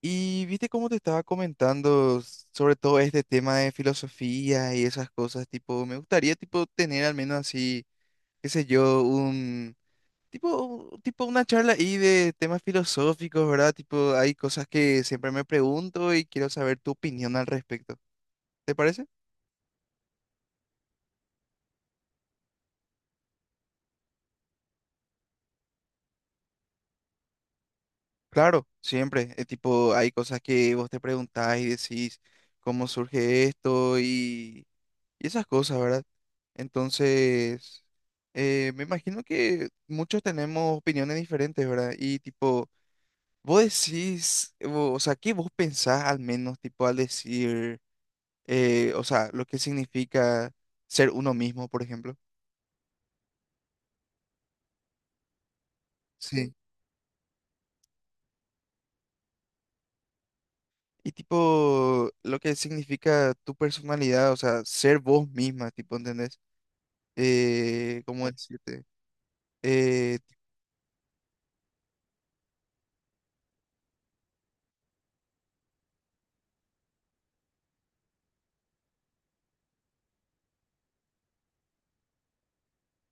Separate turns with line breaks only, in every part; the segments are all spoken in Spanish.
Y viste cómo te estaba comentando sobre todo este tema de filosofía y esas cosas, tipo, me gustaría tipo tener al menos así, qué sé yo, un tipo, tipo una charla ahí de temas filosóficos, ¿verdad? Tipo, hay cosas que siempre me pregunto y quiero saber tu opinión al respecto. ¿Te parece? Claro, siempre. Tipo, hay cosas que vos te preguntás y decís cómo surge esto y esas cosas, ¿verdad? Entonces, me imagino que muchos tenemos opiniones diferentes, ¿verdad? Y tipo, vos decís, o sea, ¿qué vos pensás al menos, tipo, al decir, o sea, lo que significa ser uno mismo, por ejemplo? Sí. Y tipo, lo que significa tu personalidad, o sea, ser vos misma, tipo, ¿entendés? ¿Cómo decirte? Eh,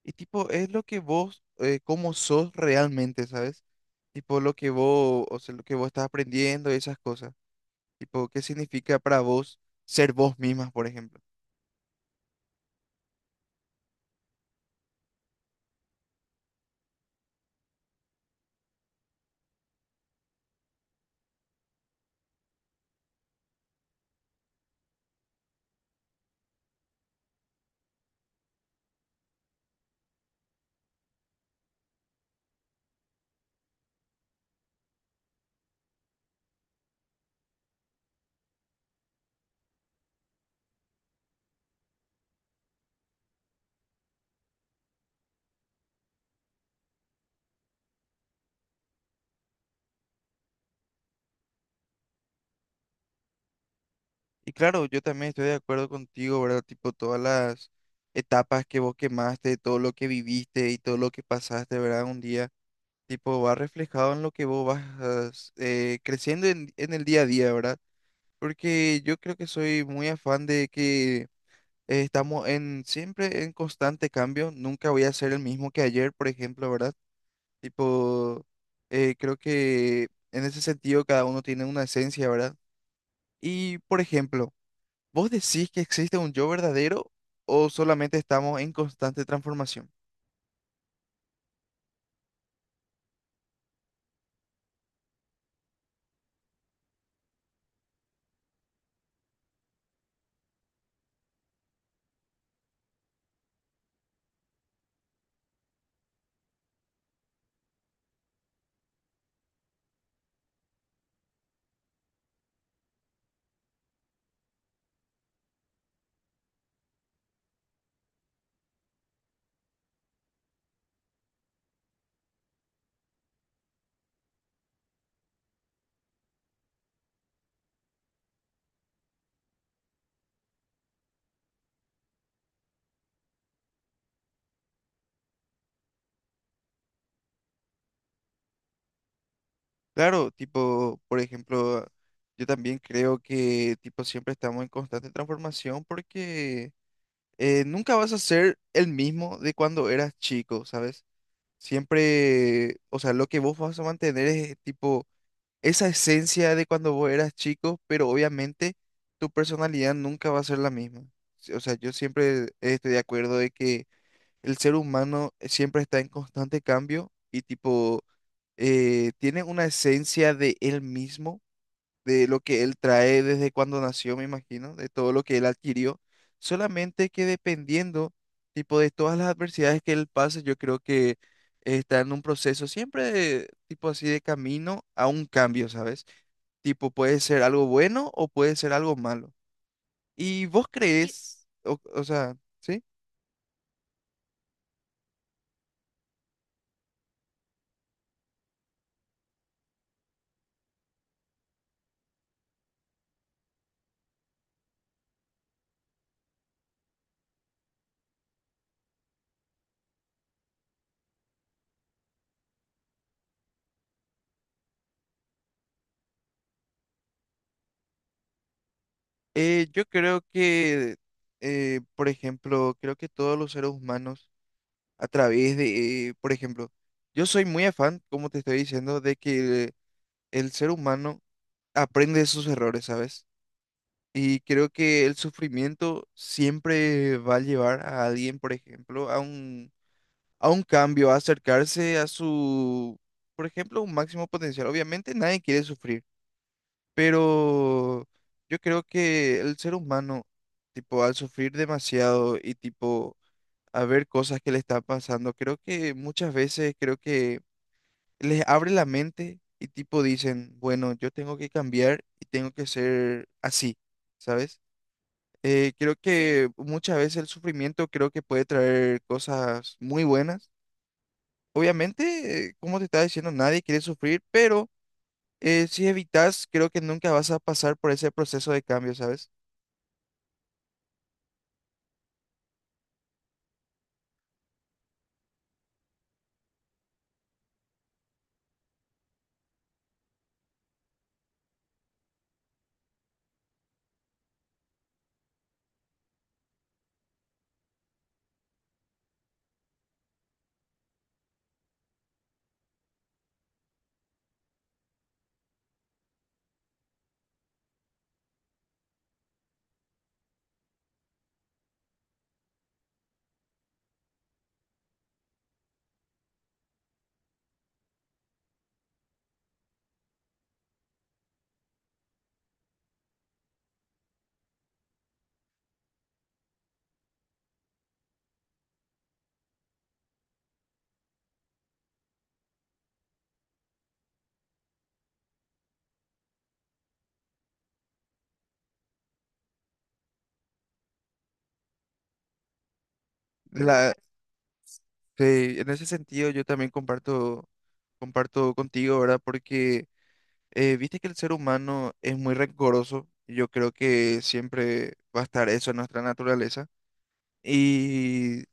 y tipo, es lo que vos, cómo sos realmente, ¿sabes? Tipo lo que vos, o sea, lo que vos estás aprendiendo, y esas cosas. Tipo, ¿qué significa para vos ser vos misma, por ejemplo? Y claro, yo también estoy de acuerdo contigo, ¿verdad? Tipo, todas las etapas que vos quemaste, todo lo que viviste y todo lo que pasaste, ¿verdad? Un día, tipo, va reflejado en lo que vos vas creciendo en el día a día, ¿verdad? Porque yo creo que soy muy afán de que estamos en siempre en constante cambio. Nunca voy a ser el mismo que ayer, por ejemplo, ¿verdad? Tipo, creo que en ese sentido cada uno tiene una esencia, ¿verdad? Y, por ejemplo, ¿vos decís que existe un yo verdadero o solamente estamos en constante transformación? Claro, tipo, por ejemplo, yo también creo que, tipo, siempre estamos en constante transformación porque nunca vas a ser el mismo de cuando eras chico, ¿sabes? Siempre, o sea, lo que vos vas a mantener es, tipo, esa esencia de cuando vos eras chico, pero obviamente tu personalidad nunca va a ser la misma. Sí, o sea, yo siempre estoy de acuerdo de que el ser humano siempre está en constante cambio y tipo tiene una esencia de él mismo, de lo que él trae desde cuando nació, me imagino, de todo lo que él adquirió, solamente que dependiendo tipo de todas las adversidades que él pase, yo creo que está en un proceso siempre de- tipo así de camino a un cambio, ¿sabes? Tipo, puede ser algo bueno o puede ser algo malo. ¿Y vos crees, o sea, sí? Yo creo que, por ejemplo, creo que todos los seres humanos, a través de, por ejemplo, yo soy muy afán, como te estoy diciendo, de que el ser humano aprende de sus errores, ¿sabes? Y creo que el sufrimiento siempre va a llevar a alguien, por ejemplo, a un cambio, a acercarse a su, por ejemplo, un máximo potencial. Obviamente nadie quiere sufrir, pero yo creo que el ser humano, tipo, al sufrir demasiado y tipo, a ver cosas que le están pasando, creo que muchas veces creo que les abre la mente y tipo dicen, bueno, yo tengo que cambiar y tengo que ser así, ¿sabes? Creo que muchas veces el sufrimiento creo que puede traer cosas muy buenas. Obviamente, como te estaba diciendo, nadie quiere sufrir, pero si evitas, creo que nunca vas a pasar por ese proceso de cambio, ¿sabes? La, sí, en ese sentido, yo también comparto contigo, ¿verdad? Porque viste que el ser humano es muy rencoroso. Yo creo que siempre va a estar eso en nuestra naturaleza. Y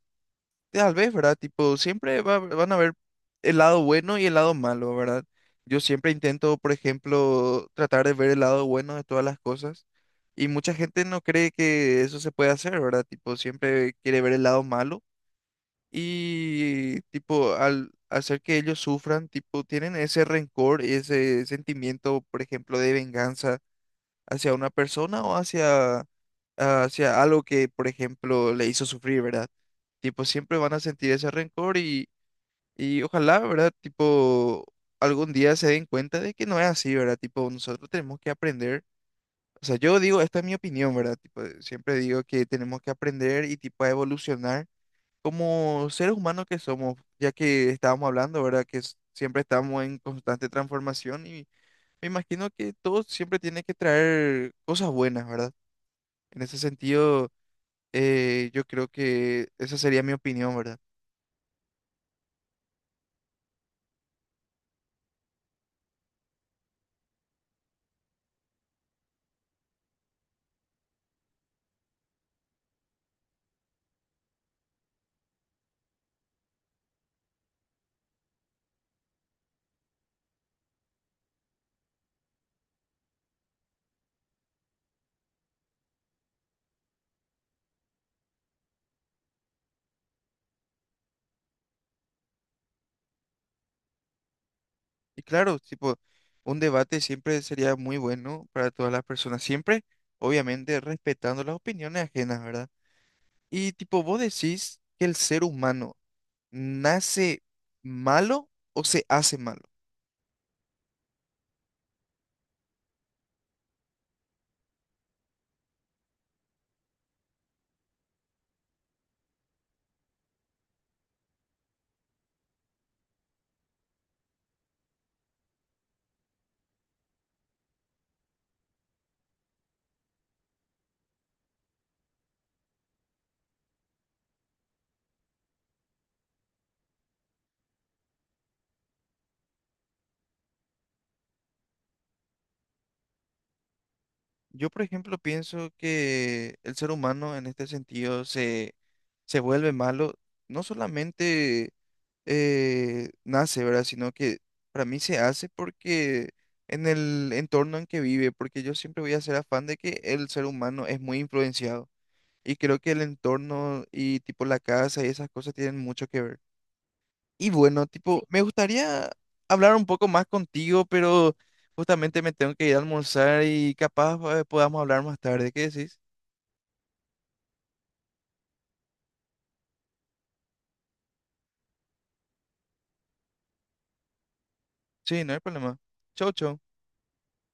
tal vez, ¿verdad? Tipo, siempre van a haber el lado bueno y el lado malo, ¿verdad? Yo siempre intento, por ejemplo, tratar de ver el lado bueno de todas las cosas y mucha gente no cree que eso se puede hacer, ¿verdad? Tipo, siempre quiere ver el lado malo y, tipo, al hacer que ellos sufran, tipo, tienen ese rencor y ese sentimiento, por ejemplo, de venganza hacia una persona o hacia, hacia algo que, por ejemplo, le hizo sufrir, ¿verdad? Tipo, siempre van a sentir ese rencor y ojalá, ¿verdad? Tipo, algún día se den cuenta de que no es así, ¿verdad? Tipo, nosotros tenemos que aprender. O sea, yo digo, esta es mi opinión, ¿verdad? Tipo, siempre digo que tenemos que aprender y tipo a evolucionar como seres humanos que somos, ya que estábamos hablando, ¿verdad? Que siempre estamos en constante transformación y me imagino que todo siempre tiene que traer cosas buenas, ¿verdad? En ese sentido, yo creo que esa sería mi opinión, ¿verdad? Y claro, tipo, un debate siempre sería muy bueno para todas las personas, siempre, obviamente, respetando las opiniones ajenas, ¿verdad? Y tipo, ¿vos decís que el ser humano nace malo o se hace malo? Yo, por ejemplo, pienso que el ser humano en este sentido se vuelve malo, no solamente nace, ¿verdad? Sino que para mí se hace porque en el entorno en que vive, porque yo siempre voy a ser afán de que el ser humano es muy influenciado y creo que el entorno y tipo la casa y esas cosas tienen mucho que ver. Y bueno, tipo, sí, me gustaría hablar un poco más contigo, pero justamente me tengo que ir a almorzar y capaz podamos hablar más tarde. ¿Qué decís? Sí, no hay problema. Chau, chau.